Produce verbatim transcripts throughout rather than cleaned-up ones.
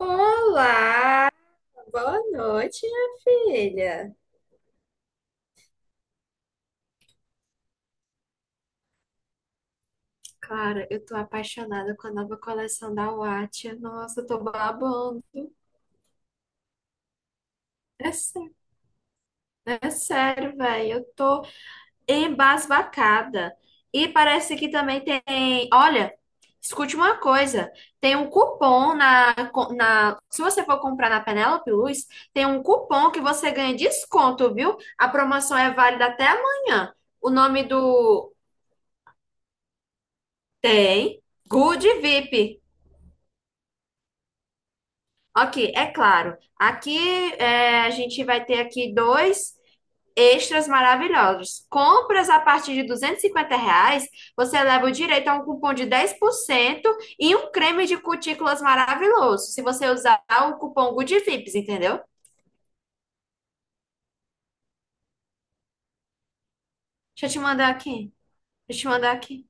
Olá, boa noite, minha filha. Cara, eu tô apaixonada com a nova coleção da Wattia. Nossa, eu tô babando. É sério, é sério, velho. Eu tô embasbacada. E parece que também tem. Olha, escute uma coisa: tem um cupom na, na. Se você for comprar na Penélope Luz, tem um cupom que você ganha desconto, viu? A promoção é válida até amanhã. O nome do. Tem. Good V I P. Ok, é claro. Aqui é, a gente vai ter aqui dois extras maravilhosos. Compras a partir de duzentos e cinquenta reais, você leva o direito a um cupom de dez por cento e um creme de cutículas maravilhoso. Se você usar o cupom Good V I Ps, entendeu? Deixa eu te mandar aqui. Deixa eu te mandar aqui.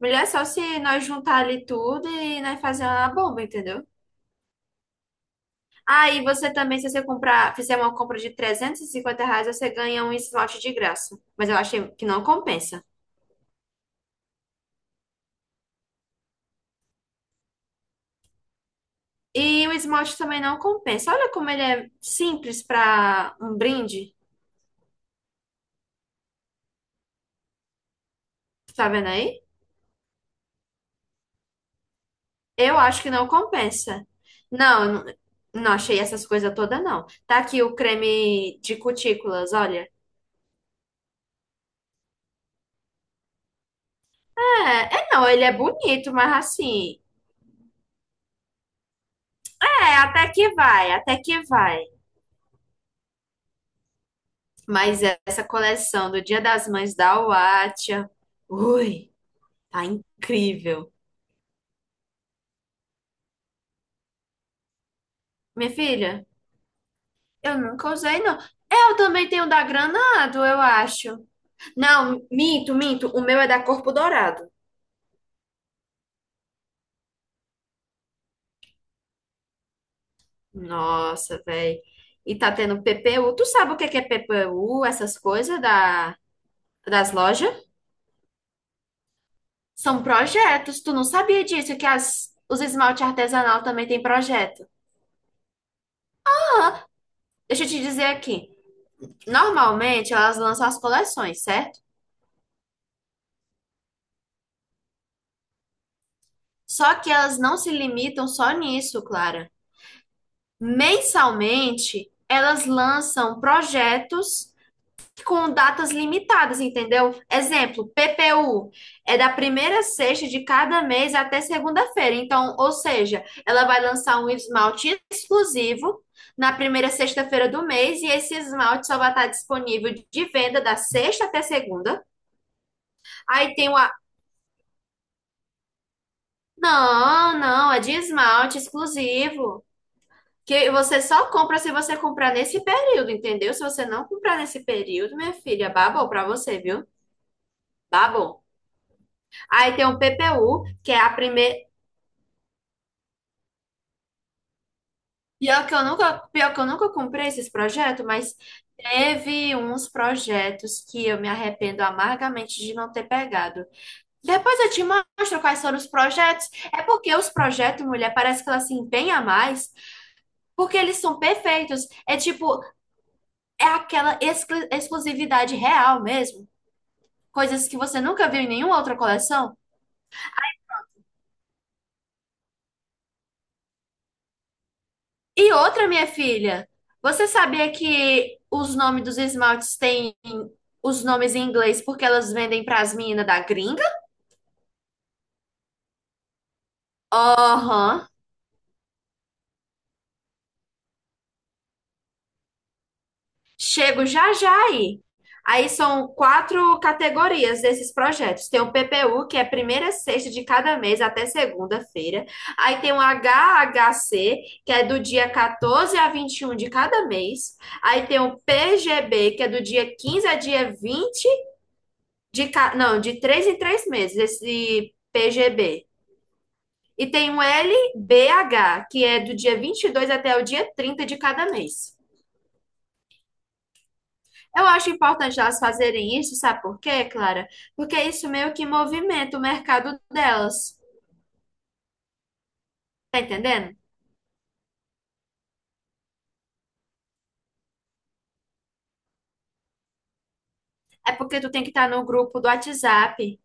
Melhor é só se nós juntar ali tudo e nós fazer uma bomba, entendeu? Aí você também, se você comprar, fizer uma compra de trezentos e cinquenta reais, você ganha um esmalte de graça. Mas eu achei que não compensa. E o esmalte também não compensa. Olha como ele é simples para um brinde. Tá vendo aí? Eu acho que não compensa. Não, eu não não achei essas coisas todas, não. Tá aqui o creme de cutículas, olha. É, é não, ele é bonito, mas assim. É, até que vai, até que vai. Mas essa coleção do Dia das Mães da Huatia, ui, tá incrível. Minha filha, eu nunca usei, não. Eu também tenho da Granado, eu acho. Não, minto, minto. O meu é da Corpo Dourado. Nossa, velho. E tá tendo P P U. Tu sabe o que que é P P U, essas coisas da, das lojas? São projetos. Tu não sabia disso, que as, os esmalte artesanal também tem projeto. Deixa eu te dizer aqui. Normalmente elas lançam as coleções, certo? Só que elas não se limitam só nisso, Clara. Mensalmente, elas lançam projetos com datas limitadas, entendeu? Exemplo, P P U é da primeira sexta de cada mês até segunda-feira. Então, ou seja, ela vai lançar um esmalte exclusivo na primeira sexta-feira do mês e esse esmalte só vai estar disponível de venda da sexta até segunda. Aí tem o... a- Não, não, é de esmalte exclusivo. Que você só compra se você comprar nesse período, entendeu? Se você não comprar nesse período, minha filha, babou pra você, viu? Babou. Aí tem o P P U, que é a primeira. Pior que eu nunca, pior que eu nunca comprei esses projetos, mas teve uns projetos que eu me arrependo amargamente de não ter pegado. Depois eu te mostro quais foram os projetos. É porque os projetos, mulher, parece que ela se empenha mais, porque eles são perfeitos. É tipo, é aquela exclu- exclusividade real mesmo. Coisas que você nunca viu em nenhuma outra coleção? E outra, minha filha, você sabia que os nomes dos esmaltes têm os nomes em inglês porque elas vendem pras meninas da gringa? Aham. Chego já já aí. Aí são quatro categorias desses projetos. Tem o P P U, que é primeira sexta de cada mês até segunda-feira. Aí tem o H H C, que é do dia catorze a vinte e um de cada mês. Aí tem o P G B, que é do dia quinze a dia vinte de ca... não, de três em três meses, esse P G B. E tem o L B H, que é do dia vinte e dois até o dia trinta de cada mês. Eu acho importante elas fazerem isso, sabe por quê, Clara? Porque isso meio que movimenta o mercado delas. Tá entendendo? É porque tu tem que estar no grupo do WhatsApp.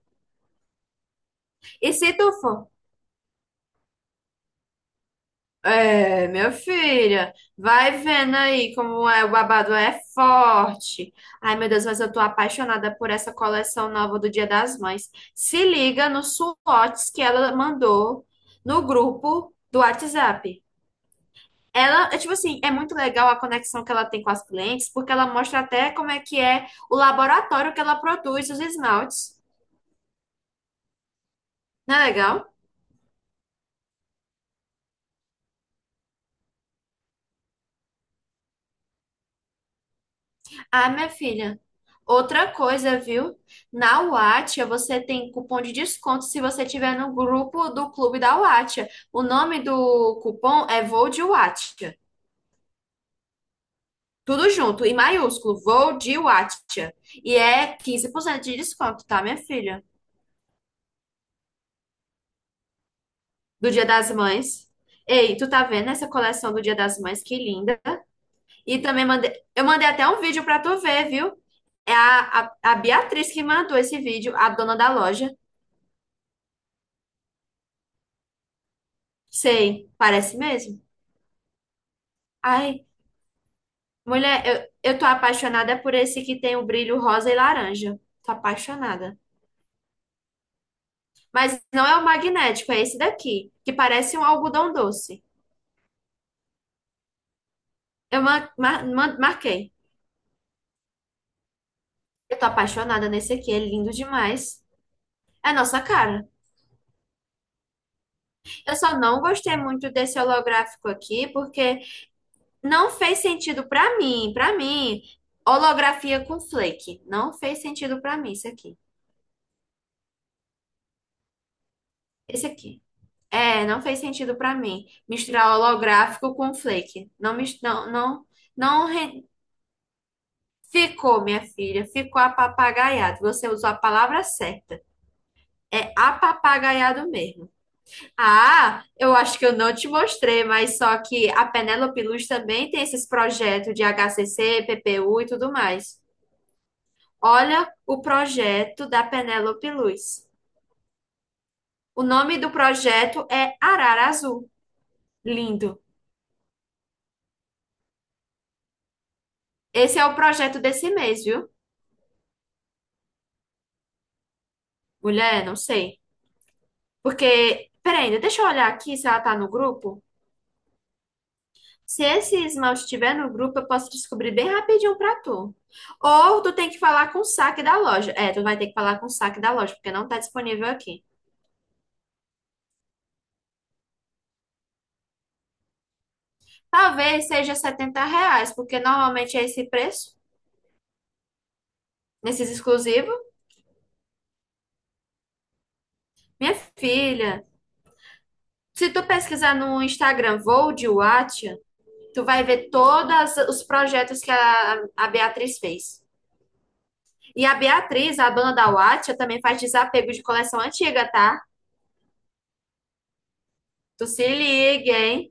E se tu for, é, meu filho, vai vendo aí como é, o babado é forte. Ai, meu Deus, mas eu tô apaixonada por essa coleção nova do Dia das Mães. Se liga nos swatches que ela mandou no grupo do WhatsApp. Ela, é tipo assim, é muito legal a conexão que ela tem com as clientes, porque ela mostra até como é que é o laboratório que ela produz os esmaltes. Não é legal? Ah, minha filha, outra coisa, viu? Na Wattia você tem cupom de desconto se você tiver no grupo do clube da Wattia. O nome do cupom é Vou de Wattia. Tudo junto, em maiúsculo, Vou de Wattia. E é quinze por cento de desconto, tá, minha filha? Do Dia das Mães. Ei, tu tá vendo essa coleção do Dia das Mães? Que linda. E também mandei, eu mandei até um vídeo pra tu ver, viu? É a, a, a Beatriz que mandou esse vídeo, a dona da loja. Sei, parece mesmo. Ai, mulher, eu, eu tô apaixonada por esse que tem o brilho rosa e laranja. Tô apaixonada. Mas não é o magnético, é esse daqui, que parece um algodão doce. Eu ma- ma- ma- marquei. Eu tô apaixonada nesse aqui, é lindo demais. É a nossa cara. Eu só não gostei muito desse holográfico aqui, porque não fez sentido pra mim, pra mim. Holografia com flake, não fez sentido pra mim isso aqui. Esse aqui. É, não fez sentido pra mim misturar holográfico com flake. Não mis- não não não re- ficou, minha filha, ficou apapagaiado. Você usou a palavra certa. É apapagaiado mesmo. Ah, eu acho que eu não te mostrei, mas só que a Penélope Luz também tem esses projetos de H C C, P P U e tudo mais. Olha o projeto da Penélope Luz. O nome do projeto é Arara Azul. Lindo. Esse é o projeto desse mês, viu? Mulher, não sei. Porque, peraí, deixa eu olhar aqui se ela tá no grupo. Se esse esmalte estiver no grupo, eu posso descobrir bem rapidinho pra tu. Ou tu tem que falar com o saque da loja. É, tu vai ter que falar com o saque da loja, porque não tá disponível aqui. Talvez seja setenta reais, porque normalmente é esse preço, nesses exclusivos. Minha filha, se tu pesquisar no Instagram Vou de Wattia, tu vai ver todos os projetos que a, a Beatriz fez. E a Beatriz, a dona da Wattia, também faz desapego de coleção antiga, tá? Tu se liga, hein?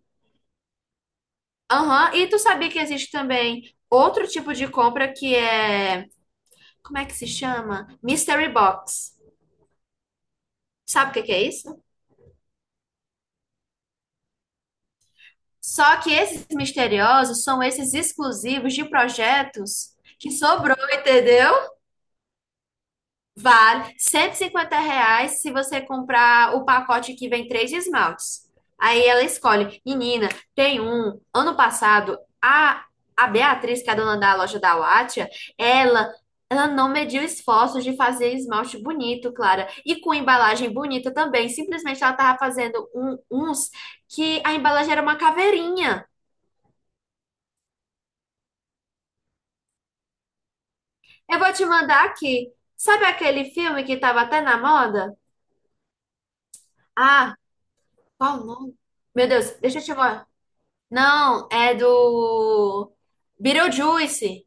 Aham, e tu sabia que existe também outro tipo de compra que é, como é que se chama? Mystery Box. Sabe o que que é isso? Só que esses misteriosos são esses exclusivos de projetos que sobrou, entendeu? Vale R$ cento e cinquenta reais se você comprar o pacote que vem três esmaltes. Aí ela escolhe. Menina, tem um. Ano passado, a, a Beatriz, que é a dona da loja da Wattia, ela, ela não mediu esforços de fazer esmalte bonito, Clara. E com embalagem bonita também. Simplesmente ela tava fazendo um- uns que a embalagem era uma caveirinha. Eu vou te mandar aqui. Sabe aquele filme que tava até na moda? Ah, qual o nome? Meu Deus, deixa eu te, mo- não, é do Beetlejuice.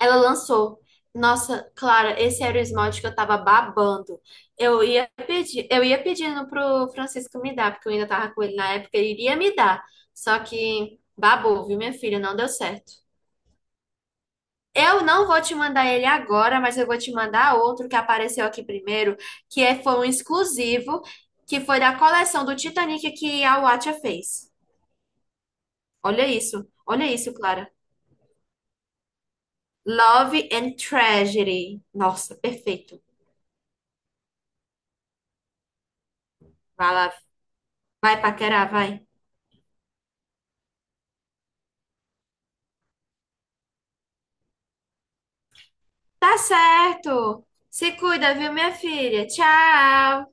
Ela lançou. Nossa, Clara, esse era o esmalte que eu tava babando. Eu ia pedir, eu ia pedindo pro Francisco me dar, porque eu ainda tava com ele na época, ele iria me dar. Só que babou, viu, minha filha? Não deu certo. Eu não vou te mandar ele agora, mas eu vou te mandar outro que apareceu aqui primeiro, que é, foi um exclusivo, que foi da coleção do Titanic que a Watcha fez. Olha isso, olha isso, Clara. Love and Tragedy. Nossa, perfeito. Vai lá, vai paquerar, vai. Tá certo. Se cuida, viu, minha filha? Tchau.